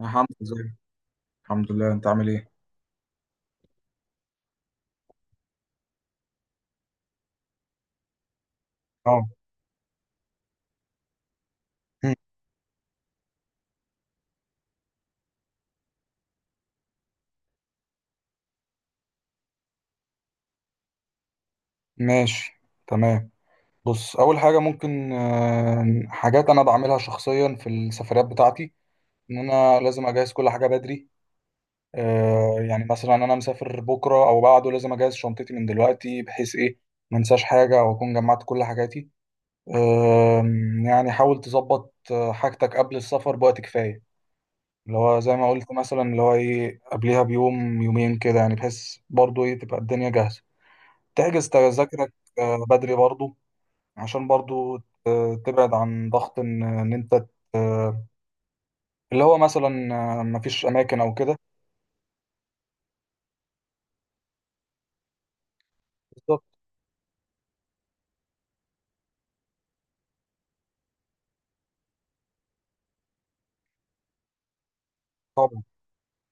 يا حمزة ازيك؟ الحمد لله، انت عامل ايه؟ اه. مم. ماشي، تمام. بص، اول حاجه ممكن حاجات انا بعملها شخصيا في السفريات بتاعتي، ان انا لازم اجهز كل حاجه بدري. يعني مثلا انا مسافر بكره او بعده، لازم اجهز شنطتي من دلوقتي، بحيث ايه؟ ما انساش حاجه، او اكون جمعت كل حاجاتي. يعني حاول تظبط حاجتك قبل السفر بوقت كفايه، اللي هو زي ما قلت، مثلا اللي هو ايه، قبلها بيوم يومين كده يعني، بحيث برضو ايه تبقى الدنيا جاهزه، تحجز تذاكرك بدري برضو، عشان برضو تبعد عن ضغط إن انت آه، اللي هو مثلا مفيش اماكن او كده. بالظبط، طبعا.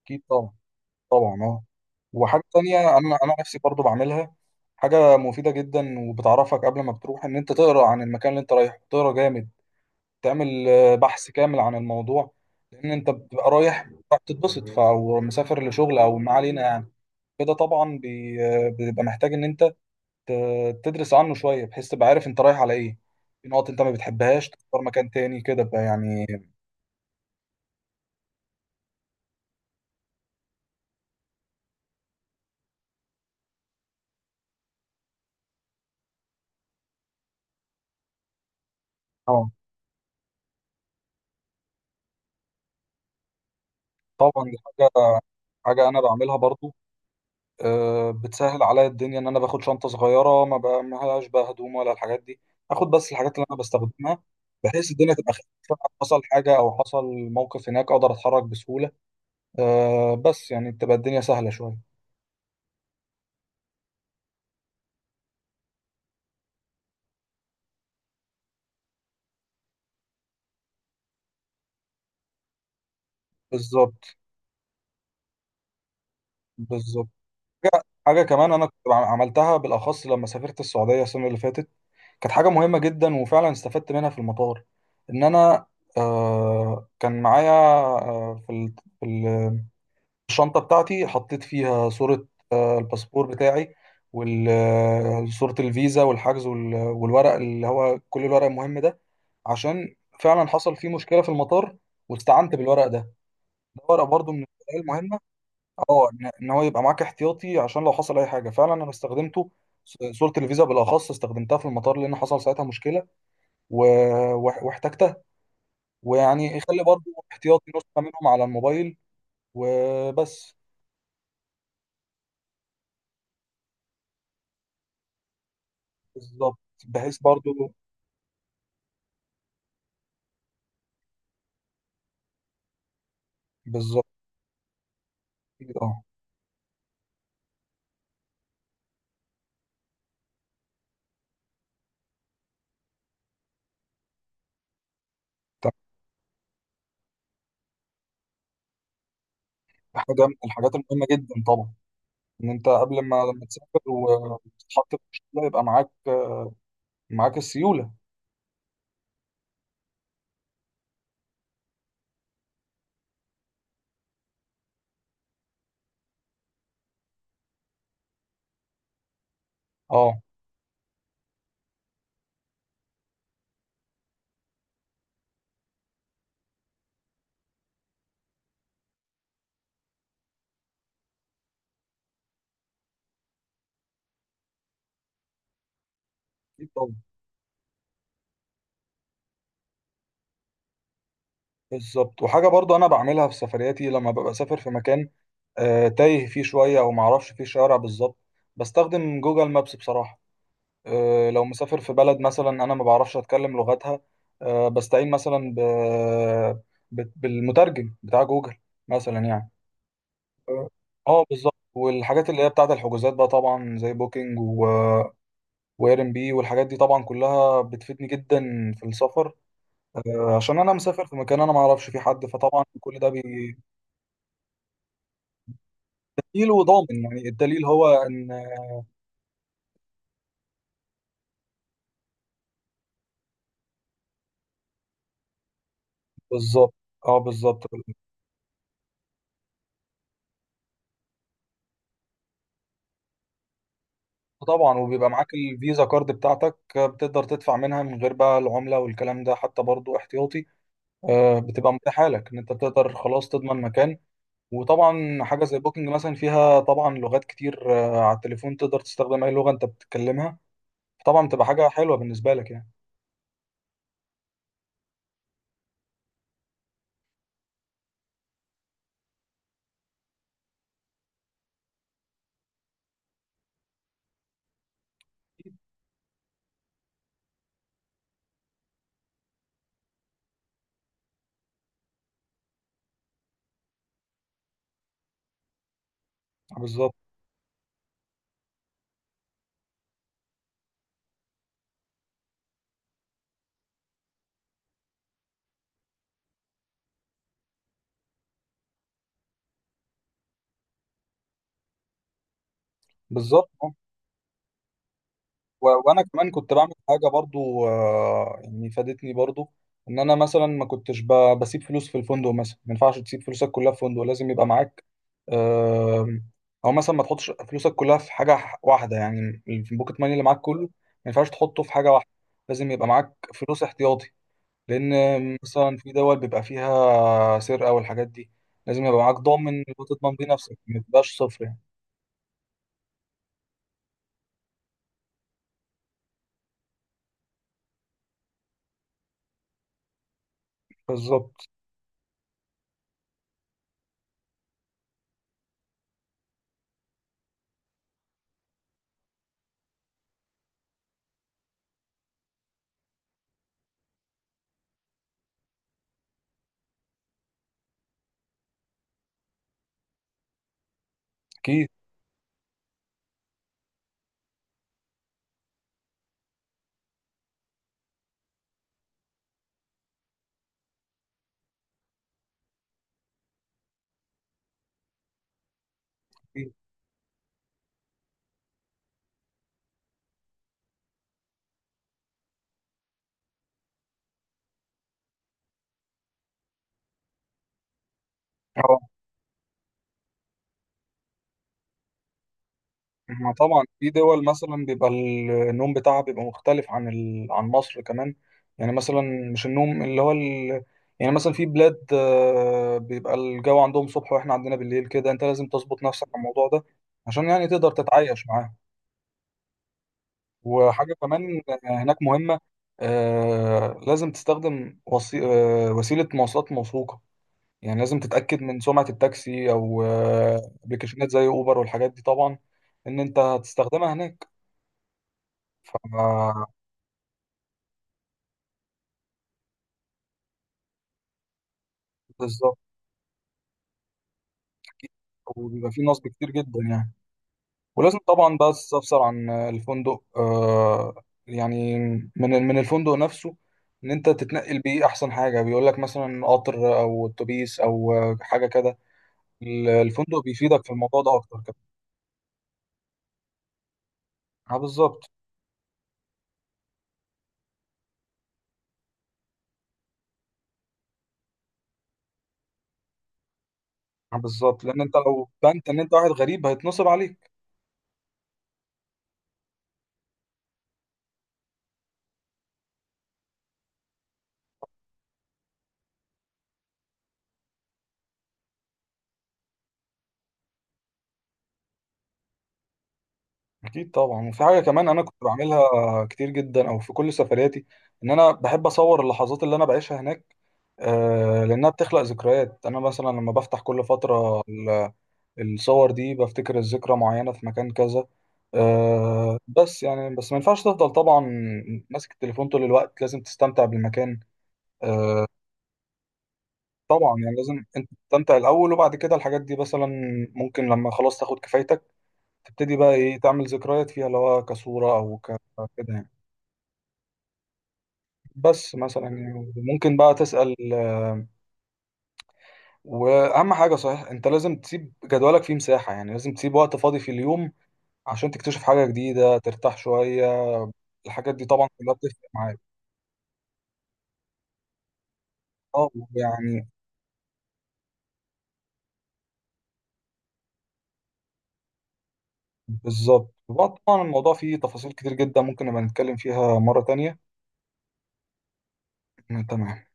اكيد طبعا، طبعا اه. وحاجه تانية انا نفسي برضو بعملها، حاجه مفيده جدا وبتعرفك قبل ما بتروح، ان انت تقرا عن المكان اللي انت رايحه، تقرا جامد، تعمل بحث كامل عن الموضوع، لان انت بتبقى رايح بتتبسط او مسافر لشغل او ما علينا يعني. كده طبعا بيبقى محتاج ان انت تدرس عنه شوية، بحيث تبقى عارف انت رايح على ايه. في نقط انت ما بتحبهاش، تختار مكان تاني كده بقى يعني. اه، طبعا دي حاجة، حاجة انا بعملها برضو، أه بتسهل عليا الدنيا، ان انا باخد شنطة صغيرة ما بقى ملهاش بقى هدوم ولا الحاجات دي، اخد بس الحاجات اللي انا بستخدمها، بحيث الدنيا تبقى خفيفة. حصل حاجة او حصل موقف هناك، اقدر اتحرك بسهولة. أه بس يعني تبقى الدنيا سهلة شوية. بالظبط، بالظبط. حاجة، حاجة كمان انا كنت عملتها بالاخص لما سافرت السعودية السنة اللي فاتت، كانت حاجة مهمة جدا وفعلا استفدت منها في المطار. إن أنا آه كان معايا آه في ال- الشنطة بتاعتي حطيت فيها صورة آه الباسبور بتاعي، وصورة الفيزا والحجز والورق اللي هو كل الورق المهم ده، عشان فعلا حصل فيه مشكلة في المطار واستعنت بالورق ده. ده ورق برضو من الحاجات المهمة، اه إن هو يبقى معاك احتياطي، عشان لو حصل أي حاجة، فعلا أنا استخدمته. صورة الفيزا بالأخص استخدمتها في المطار لأن حصل ساعتها مشكلة واحتجتها. ويعني يخلي برضو احتياطي نسخة منهم على الموبايل وبس. بالظبط، بحيث برضو. بالظبط. أكيد اه. تمام. حاجة من الحاجات المهمة جدا طبعا، ان انت قبل ما، لما تسافر، وتتحط في مشكلة، يبقى معاك، معاك السيولة. اه، أكيد طبعا. بالظبط، وحاجة برضو انا بعملها في سفرياتي، لما ببقى سافر في مكان تايه فيه شوية او معرفش فيه شارع بالظبط، بستخدم جوجل مابس بصراحة. لو مسافر في بلد مثلا انا ما بعرفش اتكلم لغتها، بستعين مثلا بالمترجم بتاع جوجل مثلا يعني. آه، اه بالظبط. والحاجات اللي هي بتاعت الحجوزات بقى، طبعا زي بوكينج، و... واير ام بي، والحاجات دي طبعا كلها بتفيدني جدا في السفر، عشان انا مسافر في مكان انا ما اعرفش فيه حد، فطبعا كل ده بديل وضامن، يعني الدليل هو ان، بالظبط. اه بالظبط طبعا. وبيبقى معاك الفيزا كارد بتاعتك، بتقدر تدفع منها من غير بقى العملة والكلام ده، حتى برضو احتياطي، بتبقى متاحة لك، ان انت بتقدر خلاص تضمن مكان. وطبعا حاجة زي بوكينج مثلا فيها طبعا لغات كتير، على التليفون تقدر تستخدم اي لغة انت بتتكلمها، طبعا بتبقى حاجة حلوة بالنسبة لك يعني. بالظبط، بالظبط. وانا كمان كنت بعمل حاجه برضو، يعني فادتني برضو، ان انا مثلا ما كنتش بسيب فلوس في الفندق، مثلا ما ينفعش تسيب فلوسك كلها في فندق، لازم يبقى معاك. آم، او مثلا ما تحطش فلوسك كلها في حاجه واحده، يعني البوكيت ماني اللي معاك كله ما ينفعش تحطه في حاجه واحده، لازم يبقى معاك فلوس احتياطي، لان مثلا في دول بيبقى فيها سرقه والحاجات دي، لازم يبقى معاك ضامن وتضمن بيه نفسك، ما تبقاش صفر يعني. بالظبط، اكيد. أكيد. ما طبعا في دول مثلا بيبقى النوم بتاعها بيبقى مختلف عن عن مصر كمان، يعني مثلا مش النوم اللي هو يعني مثلا في بلاد بيبقى الجو عندهم صبح واحنا عندنا بالليل كده، انت لازم تظبط نفسك على الموضوع ده، عشان يعني تقدر تتعايش معاه. وحاجة كمان هناك مهمة، لازم تستخدم وسيلة مواصلات موثوقة، يعني لازم تتأكد من سمعة التاكسي، او ابلكيشنات زي اوبر والحاجات دي طبعا، ان انت هتستخدمها هناك. بالظبط، وبيبقى فيه نصب كتير جدا يعني، ولازم طبعا بقى تستفسر عن الفندق، آه يعني من الفندق نفسه، ان انت تتنقل بيه احسن حاجه، بيقول لك مثلا قطر او اتوبيس او حاجه كده. الفندق بيفيدك في الموضوع ده اكتر كده. اه بالظبط. اه بالظبط، لان انت لو بنت ان انت واحد غريب، هيتنصب عليك. اكيد طبعا. وفي حاجه كمان انا كنت بعملها كتير جدا، او في كل سفرياتي، ان انا بحب اصور اللحظات اللي انا بعيشها هناك، لانها بتخلق ذكريات، انا مثلا لما بفتح كل فتره الصور دي، بفتكر الذكرى معينه في مكان كذا. بس يعني، بس ما ينفعش تفضل طبعا ماسك التليفون طول الوقت، لازم تستمتع بالمكان. آه، طبعا يعني لازم انت تستمتع الاول، وبعد كده الحاجات دي مثلا، ممكن لما خلاص تاخد كفايتك، تبتدي بقى ايه تعمل ذكريات فيها، اللي هو كصوره او كده يعني. بس مثلا يعني ممكن بقى تسأل وأهم حاجة صحيح، أنت لازم تسيب جدولك فيه مساحة، يعني لازم تسيب وقت فاضي في اليوم، عشان تكتشف حاجة جديدة، ترتاح شوية. الحاجات دي طبعا كلها بتفرق معاك. اه يعني، بالظبط. وبقى طبعا الموضوع فيه تفاصيل كتير جدا، ممكن نبقى نتكلم فيها مرة تانية. تمام.